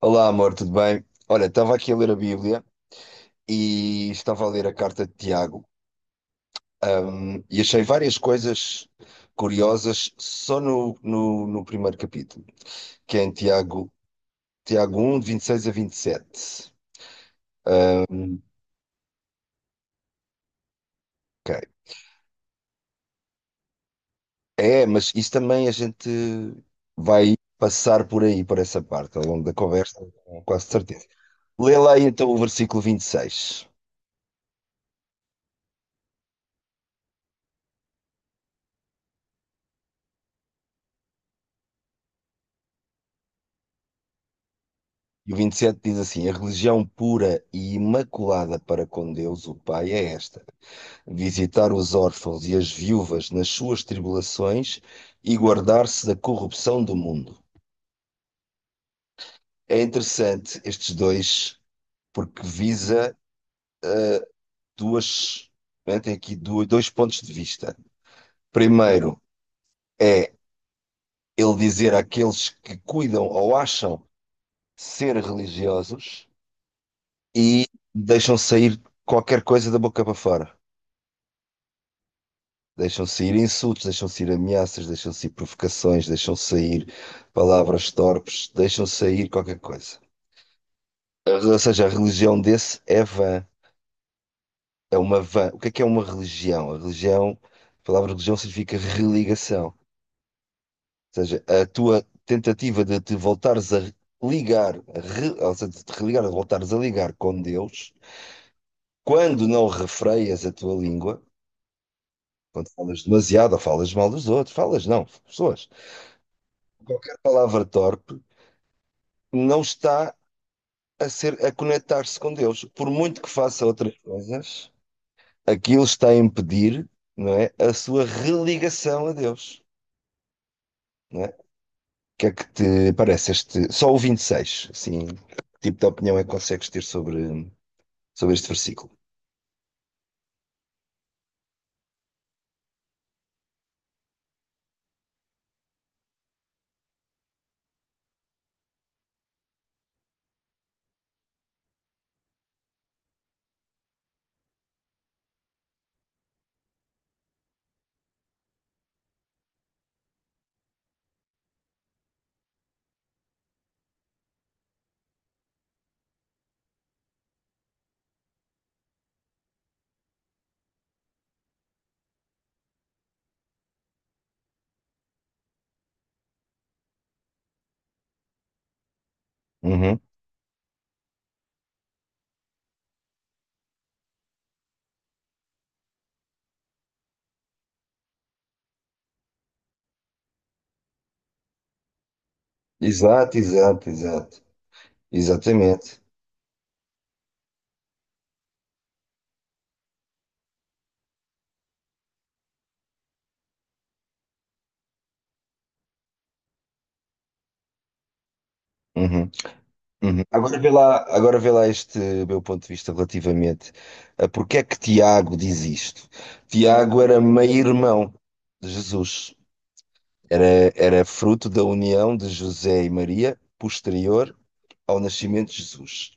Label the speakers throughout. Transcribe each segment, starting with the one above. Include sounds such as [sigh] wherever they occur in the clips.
Speaker 1: Olá, amor, tudo bem? Olha, estava aqui a ler a Bíblia e estava a ler a carta de Tiago, e achei várias coisas curiosas só no primeiro capítulo, que é em Tiago, Tiago 1, de 26 a 27. Ok. É, mas isso também a gente vai passar por aí, por essa parte, ao longo da conversa, com quase certeza. Lê lá aí, então o versículo 26 e o 27 diz assim: a religião pura e imaculada para com Deus, o Pai, é esta. Visitar os órfãos e as viúvas nas suas tribulações e guardar-se da corrupção do mundo. É interessante estes dois, porque visa duas, né, tem aqui dois pontos de vista. Primeiro é ele dizer àqueles que cuidam ou acham ser religiosos e deixam sair qualquer coisa da boca para fora. Deixam sair insultos, deixam sair ameaças, deixam sair provocações, deixam sair palavras torpes, deixam sair qualquer coisa. Ou seja, a religião desse é vã, é uma vã. O que é uma religião? A religião, a palavra religião significa religação. Ou seja, a tua tentativa de te voltares a ligar, ou seja, de te religar, de voltares a ligar com Deus, quando não refreias a tua língua, quando falas demasiado ou falas mal dos outros, falas não, pessoas. Qualquer palavra torpe não está a conectar-se com Deus. Por muito que faça outras coisas, aquilo está a impedir, não é, a sua religação a Deus, não é? O que é que te parece este, só o 26, assim, que tipo de opinião é que consegues ter sobre este versículo? Uhum. Exato, exato, exato. Exatamente. Uhum. Uhum. Agora vê lá este meu ponto de vista relativamente a porque é que Tiago diz isto. Tiago era meio-irmão de Jesus, era, era fruto da união de José e Maria posterior ao nascimento de Jesus.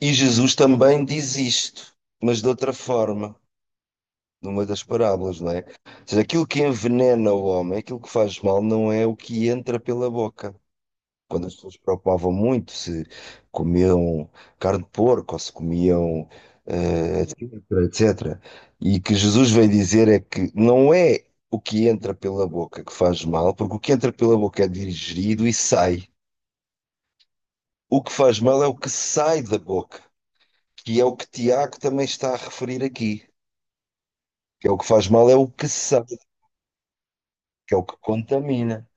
Speaker 1: E Jesus também diz isto, mas de outra forma, numa das parábolas, não é? Ou seja, aquilo que envenena o homem, aquilo que faz mal, não é o que entra pela boca, quando as pessoas se preocupavam muito se comiam carne de porco ou se comiam, etc. E que Jesus veio dizer é que não é o que entra pela boca que faz mal, porque o que entra pela boca é digerido e sai. O que faz mal é o que sai da boca, que é o que Tiago também está a referir aqui. Que é o que faz mal é o que sai, que é o que contamina.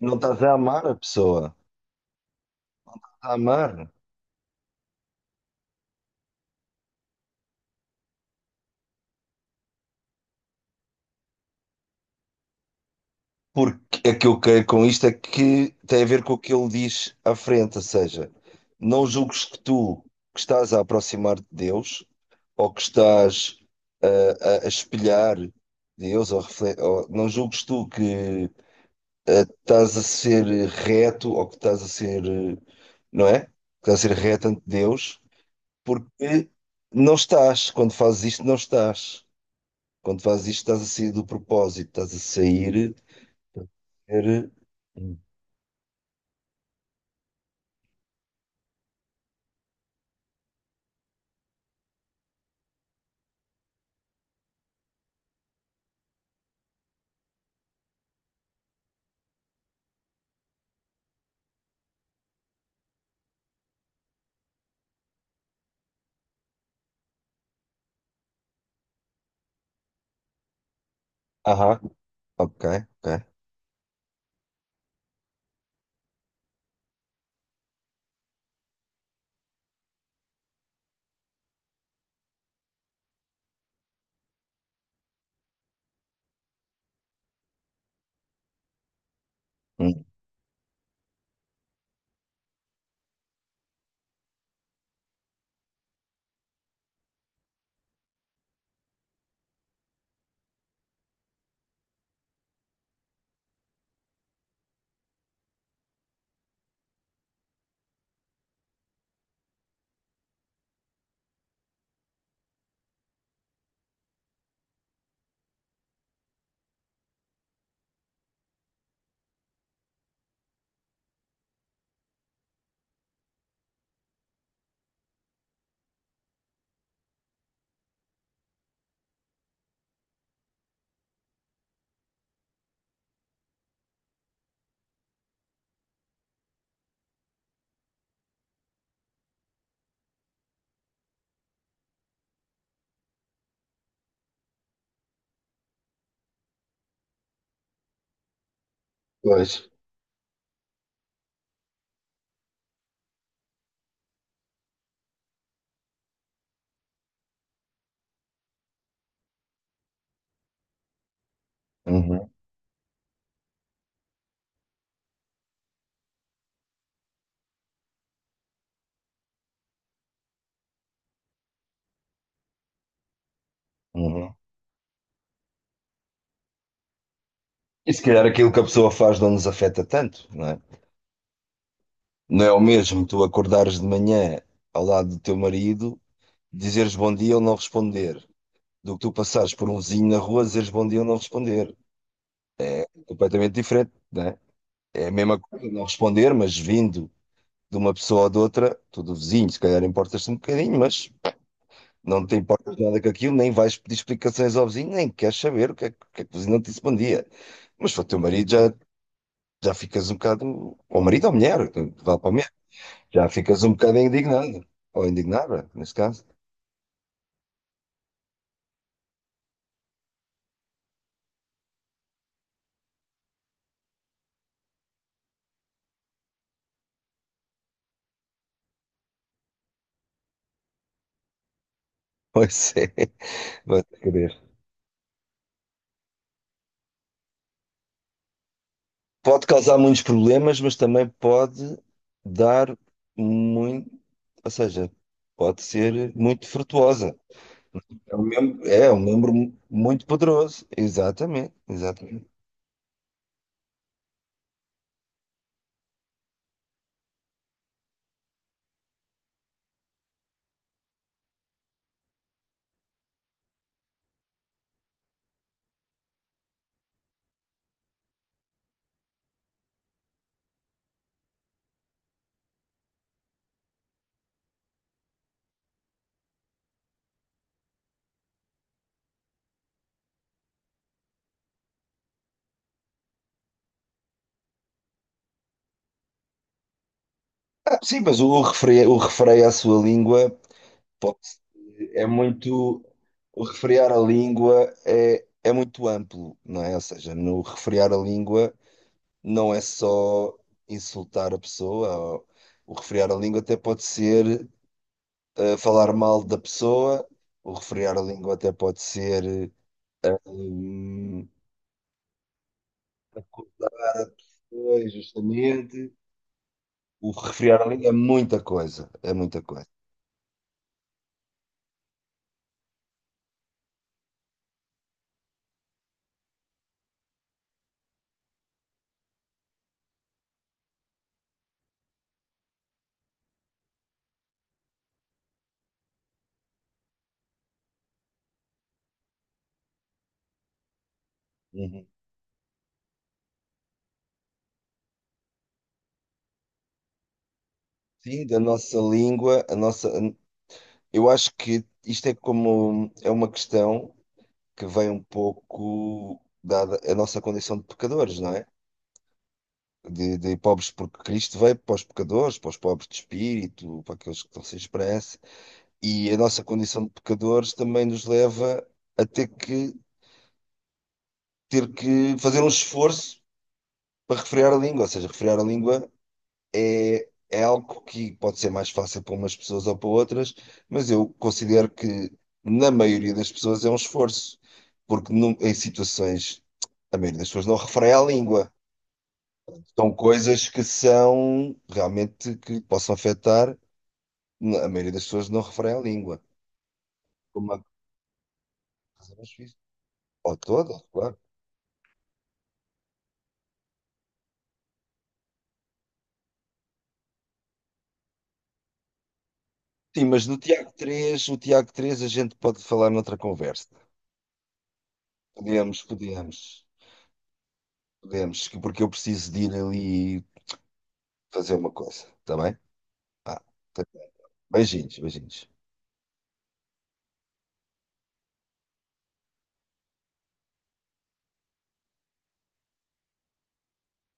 Speaker 1: Não estás a amar a pessoa, estás a amar. Porque é que eu quero com isto é que tem a ver com o que ele diz à frente, ou seja, não julgues que tu que estás a aproximar de Deus ou que estás a, a espelhar Deus ou não julgues tu que estás a ser reto ou que estás a ser, não é? Que estás a ser reto ante Deus porque não estás, quando fazes isto não estás. Quando fazes isto estás a sair do propósito, estás a sair, estás a ser hum, Aham, ok, ok. Hum. Pois. Uhum, uhum. E se calhar aquilo que a pessoa faz não nos afeta tanto, não é? Não é o mesmo tu acordares de manhã ao lado do teu marido, dizeres bom dia ou não responder, do que tu passares por um vizinho na rua, dizeres bom dia ou não responder. Completamente diferente, não é? É a mesma coisa não responder, mas vindo de uma pessoa ou de outra, tu do vizinho, se calhar importas-te um bocadinho, mas não te importas nada com aquilo, nem vais pedir explicações ao vizinho, nem queres saber o que é que, o que é que o vizinho não te disse bom dia. Mas para o teu marido já, já ficas um bocado, ou marido ou mulher, vale para a mulher, já ficas um bocado indignado, ou indignada, nesse caso. [laughs] Pois é, vai querer. Pode causar muitos problemas, mas também pode dar muito, ou seja, pode ser muito frutuosa. É um membro muito poderoso. Exatamente, exatamente. Ah, sim, mas o refreio à sua língua é muito. O refrear a língua é, é muito amplo, não é? Ou seja, no refrear a língua não é só insultar a pessoa. O refrear a língua até pode ser falar mal da pessoa. O refrear a língua até pode ser. hum, Pois, justamente. O refrear a língua é muita coisa. É muita coisa. Uhum. Sim, da nossa língua, a nossa. Eu acho que isto é como. É uma questão. Que vem um pouco dada a nossa condição de pecadores, não é? De pobres, porque Cristo veio para os pecadores, para os pobres de espírito, para aqueles que estão sem esperança, e a nossa condição de pecadores também nos leva a ter que fazer um esforço para refrear a língua, ou seja, refrear a língua é, é algo que pode ser mais fácil para umas pessoas ou para outras, mas eu considero que na maioria das pessoas é um esforço, porque em situações a maioria das pessoas não refreia a língua. São coisas que são realmente que possam afetar. A maioria das pessoas não refreia a língua. Como a fazer os filhos. Ou toda, claro. Sim, mas no Tiago 3, o Tiago 3 a gente pode falar noutra conversa. Podemos, podemos, podemos, que porque eu preciso de ir ali fazer uma coisa, tá bem? Vá. Beijinhos, beijinhos.